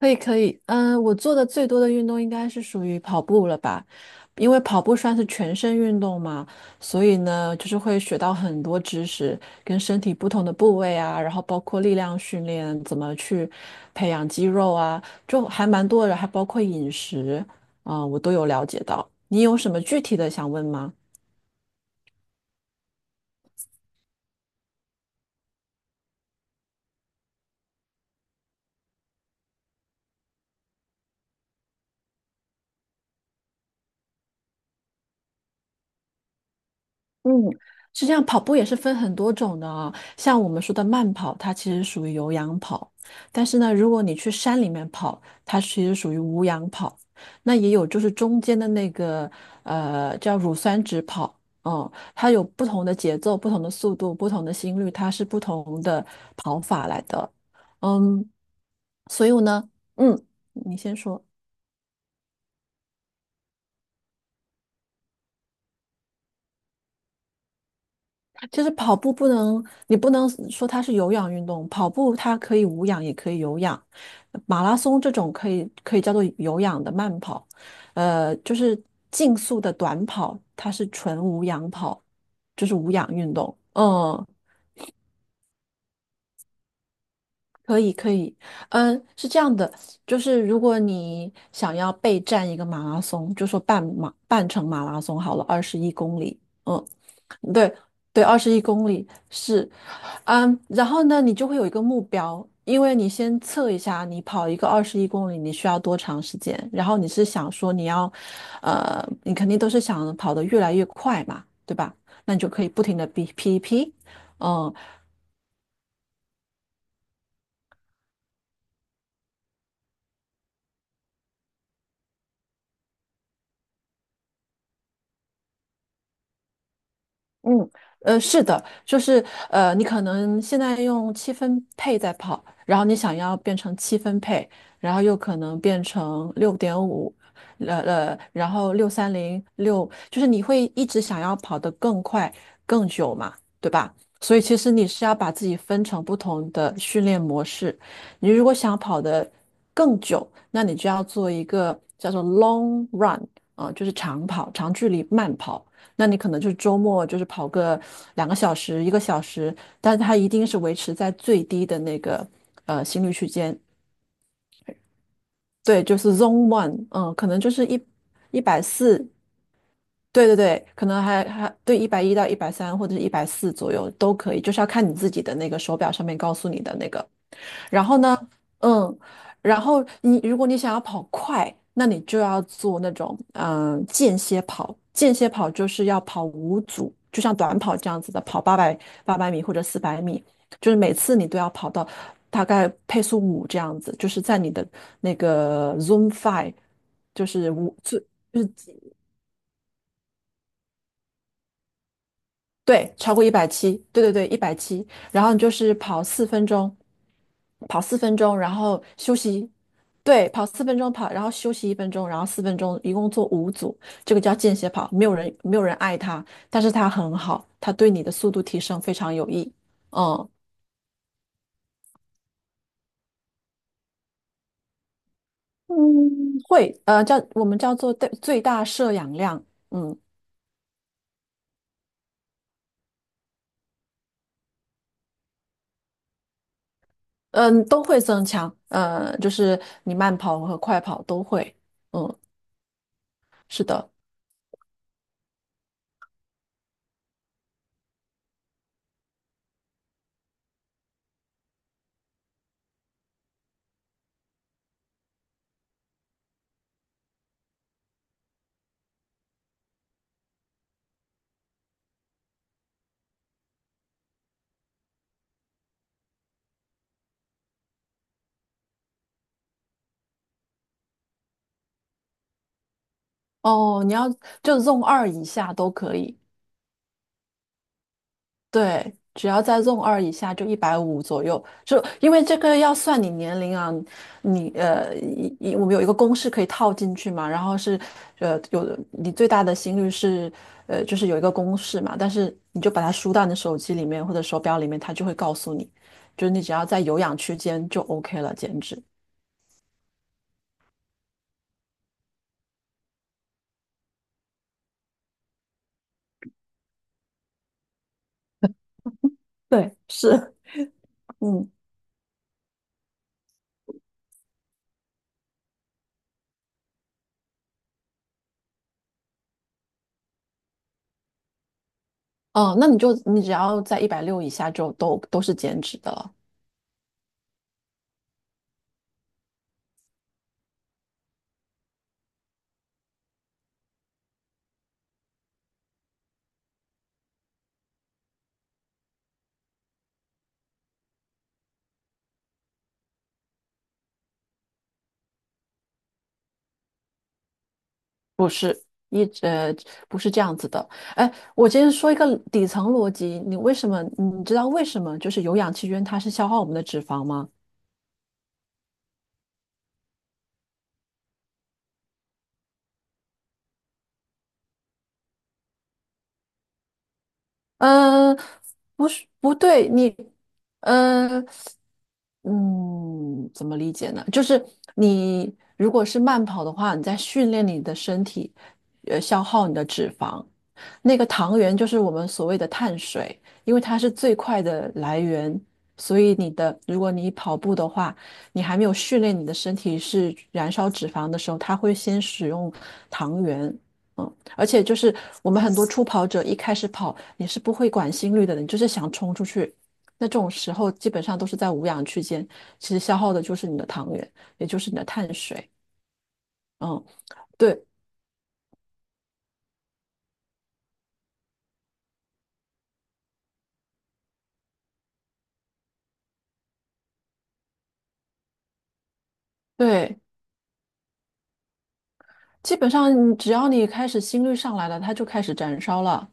可以可以，嗯，我做的最多的运动应该是属于跑步了吧，因为跑步算是全身运动嘛，所以呢，就是会学到很多知识，跟身体不同的部位啊，然后包括力量训练，怎么去培养肌肉啊，就还蛮多的，还包括饮食，啊，我都有了解到。你有什么具体的想问吗？嗯，是这样，跑步也是分很多种的啊。像我们说的慢跑，它其实属于有氧跑；但是呢，如果你去山里面跑，它其实属于无氧跑。那也有就是中间的那个叫乳酸值跑，嗯，它有不同的节奏、不同的速度、不同的心率，它是不同的跑法来的。嗯，所以呢，嗯，你先说。其实跑步不能，你不能说它是有氧运动，跑步它可以无氧也可以有氧，马拉松这种可以叫做有氧的慢跑，就是竞速的短跑，它是纯无氧跑，就是无氧运动。嗯，可以可以，嗯，是这样的，就是如果你想要备战一个马拉松，就说半马半程马拉松好了，二十一公里，嗯，对。对，二十一公里是嗯，然后呢，你就会有一个目标，因为你先测一下，你跑一个二十一公里，你需要多长时间？然后你是想说你要，你肯定都是想跑得越来越快嘛，对吧？那你就可以不停的比 P P，嗯，嗯，是的，就是你可能现在用七分配在跑，然后你想要变成七分配，然后又可能变成6.5，然后六三零六，就是你会一直想要跑得更快、更久嘛，对吧？所以其实你是要把自己分成不同的训练模式。你如果想跑得更久，那你就要做一个叫做 long run 啊、就是长跑、长距离慢跑。那你可能就是周末就是跑个2个小时、1个小时，但它一定是维持在最低的那个心率区间，对，就是 Zone One，嗯，可能就是一百四，对对对，可能还对110到130或者一百四左右都可以，就是要看你自己的那个手表上面告诉你的那个然后呢，嗯，然后你如果想要跑快，那你就要做那种间歇跑。间歇跑就是要跑五组，就像短跑这样子的，跑八百米或者400米，就是每次你都要跑到大概配速五这样子，就是在你的那个 z o o m Five，就是五最。对，超过一百七，对对对，一百七。然后你就是跑四分钟，然后休息，对，跑四分钟，然后休息1分钟，然后四分钟，一共做五组，这个叫间歇跑，没有人爱它，但是它很好，它对你的速度提升非常有益。嗯，会，我们叫做最大摄氧量，嗯嗯，都会增强，就是你慢跑和快跑都会，嗯，是的。哦，你要就 Zone 二以下都可以，对，只要在 Zone 二以下就150左右，就因为这个要算你年龄啊，你呃，一一我们有一个公式可以套进去嘛，然后是有你最大的心率是就是有一个公式嘛，但是你就把它输到你的手机里面或者手表里面，它就会告诉你，就是你只要在有氧区间就 OK 了，减脂。对，是。嗯，哦，那你只要在160以下就都是减脂的了。不是一直呃不是这样子的。哎，我今天说一个底层逻辑，你知道为什么就是有氧气圈它是消耗我们的脂肪吗？嗯，不是，不对，你，嗯嗯，怎么理解呢？就是你如果是慢跑的话，你在训练你的身体，消耗你的脂肪。那个糖原就是我们所谓的碳水，因为它是最快的来源，所以你的，如果你跑步的话，你还没有训练你的身体是燃烧脂肪的时候，它会先使用糖原。嗯，而且就是我们很多初跑者一开始跑，你是不会管心率的，你就是想冲出去。那这种时候基本上都是在无氧区间，其实消耗的就是你的糖原，也就是你的碳水。嗯，对对，基本上你只要你开始心率上来了，它就开始燃烧了。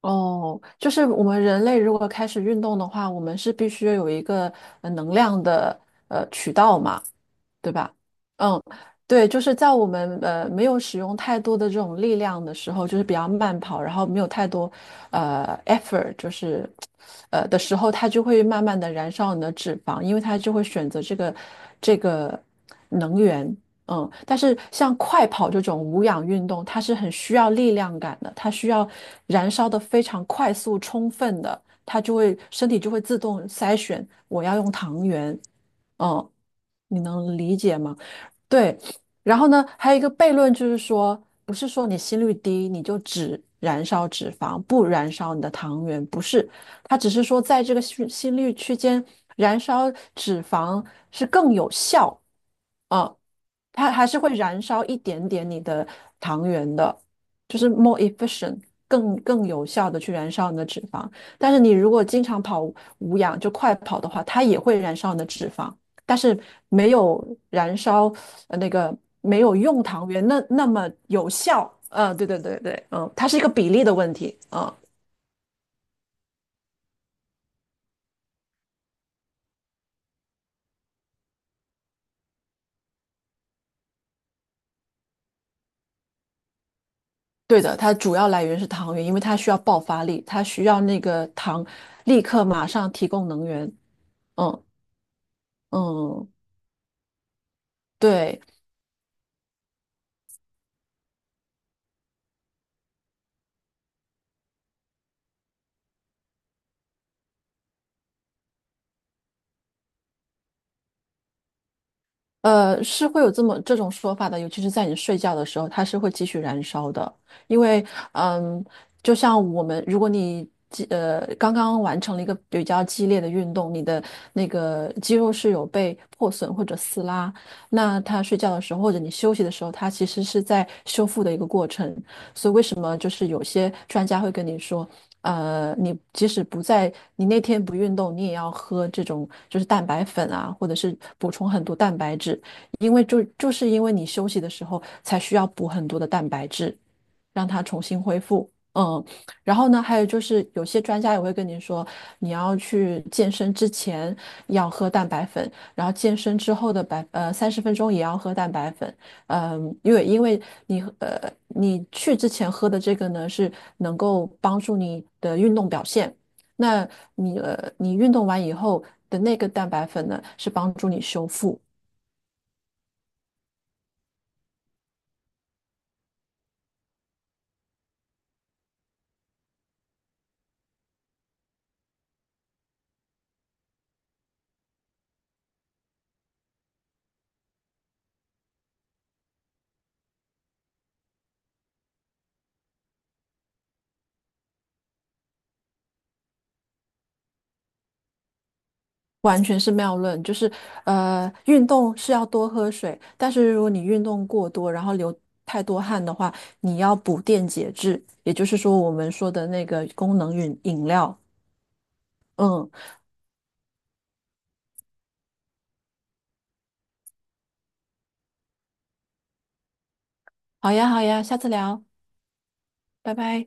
哦，就是我们人类如果开始运动的话，我们是必须有一个能量的渠道嘛。对吧？嗯，对，就是在我们没有使用太多的这种力量的时候，就是比较慢跑，然后没有太多effort，就是的时候，它就会慢慢的燃烧你的脂肪，因为它就会选择这个能源。嗯，但是像快跑这种无氧运动，它是很需要力量感的，它需要燃烧的非常快速、充分的。它就会身体就会自动筛选我要用糖原。嗯，你能理解吗？对，然后呢，还有一个悖论就是说，不是说你心率低你就只燃烧脂肪，不燃烧你的糖原，不是，它只是说在这个心率区间燃烧脂肪是更有效。哦，它还是会燃烧一点点你的糖原的，就是 more efficient，更有效的去燃烧你的脂肪。但是你如果经常跑无氧，就快跑的话，它也会燃烧你的脂肪，但是没有燃烧那个没有用糖原那么有效。嗯，对对对对，嗯，它是一个比例的问题。嗯，对的，它主要来源是糖原，因为它需要爆发力，它需要那个糖立刻马上提供能源。嗯嗯。对，是会有这种说法的，尤其是在你睡觉的时候，它是会继续燃烧的。因为，嗯，就像我们，如果你刚刚完成了一个比较激烈的运动，你的那个肌肉是有被破损或者撕拉，那它睡觉的时候或者你休息的时候，它其实是在修复的一个过程。所以为什么就是有些专家会跟你说？你即使不在，你那天不运动，你也要喝这种就是蛋白粉啊，或者是补充很多蛋白质，因为就是因为你休息的时候才需要补很多的蛋白质，让它重新恢复。嗯，然后呢，还有就是有些专家也会跟你说，你要去健身之前要喝蛋白粉，然后健身之后的30分钟也要喝蛋白粉，嗯，因为你你去之前喝的这个呢，是能够帮助你的运动表现。那你你运动完以后的那个蛋白粉呢，是帮助你修复，完全是谬论。就是运动是要多喝水，但是如果你运动过多，然后流太多汗的话，你要补电解质，也就是说我们说的那个功能饮料。嗯，好呀，好呀，下次聊，拜拜。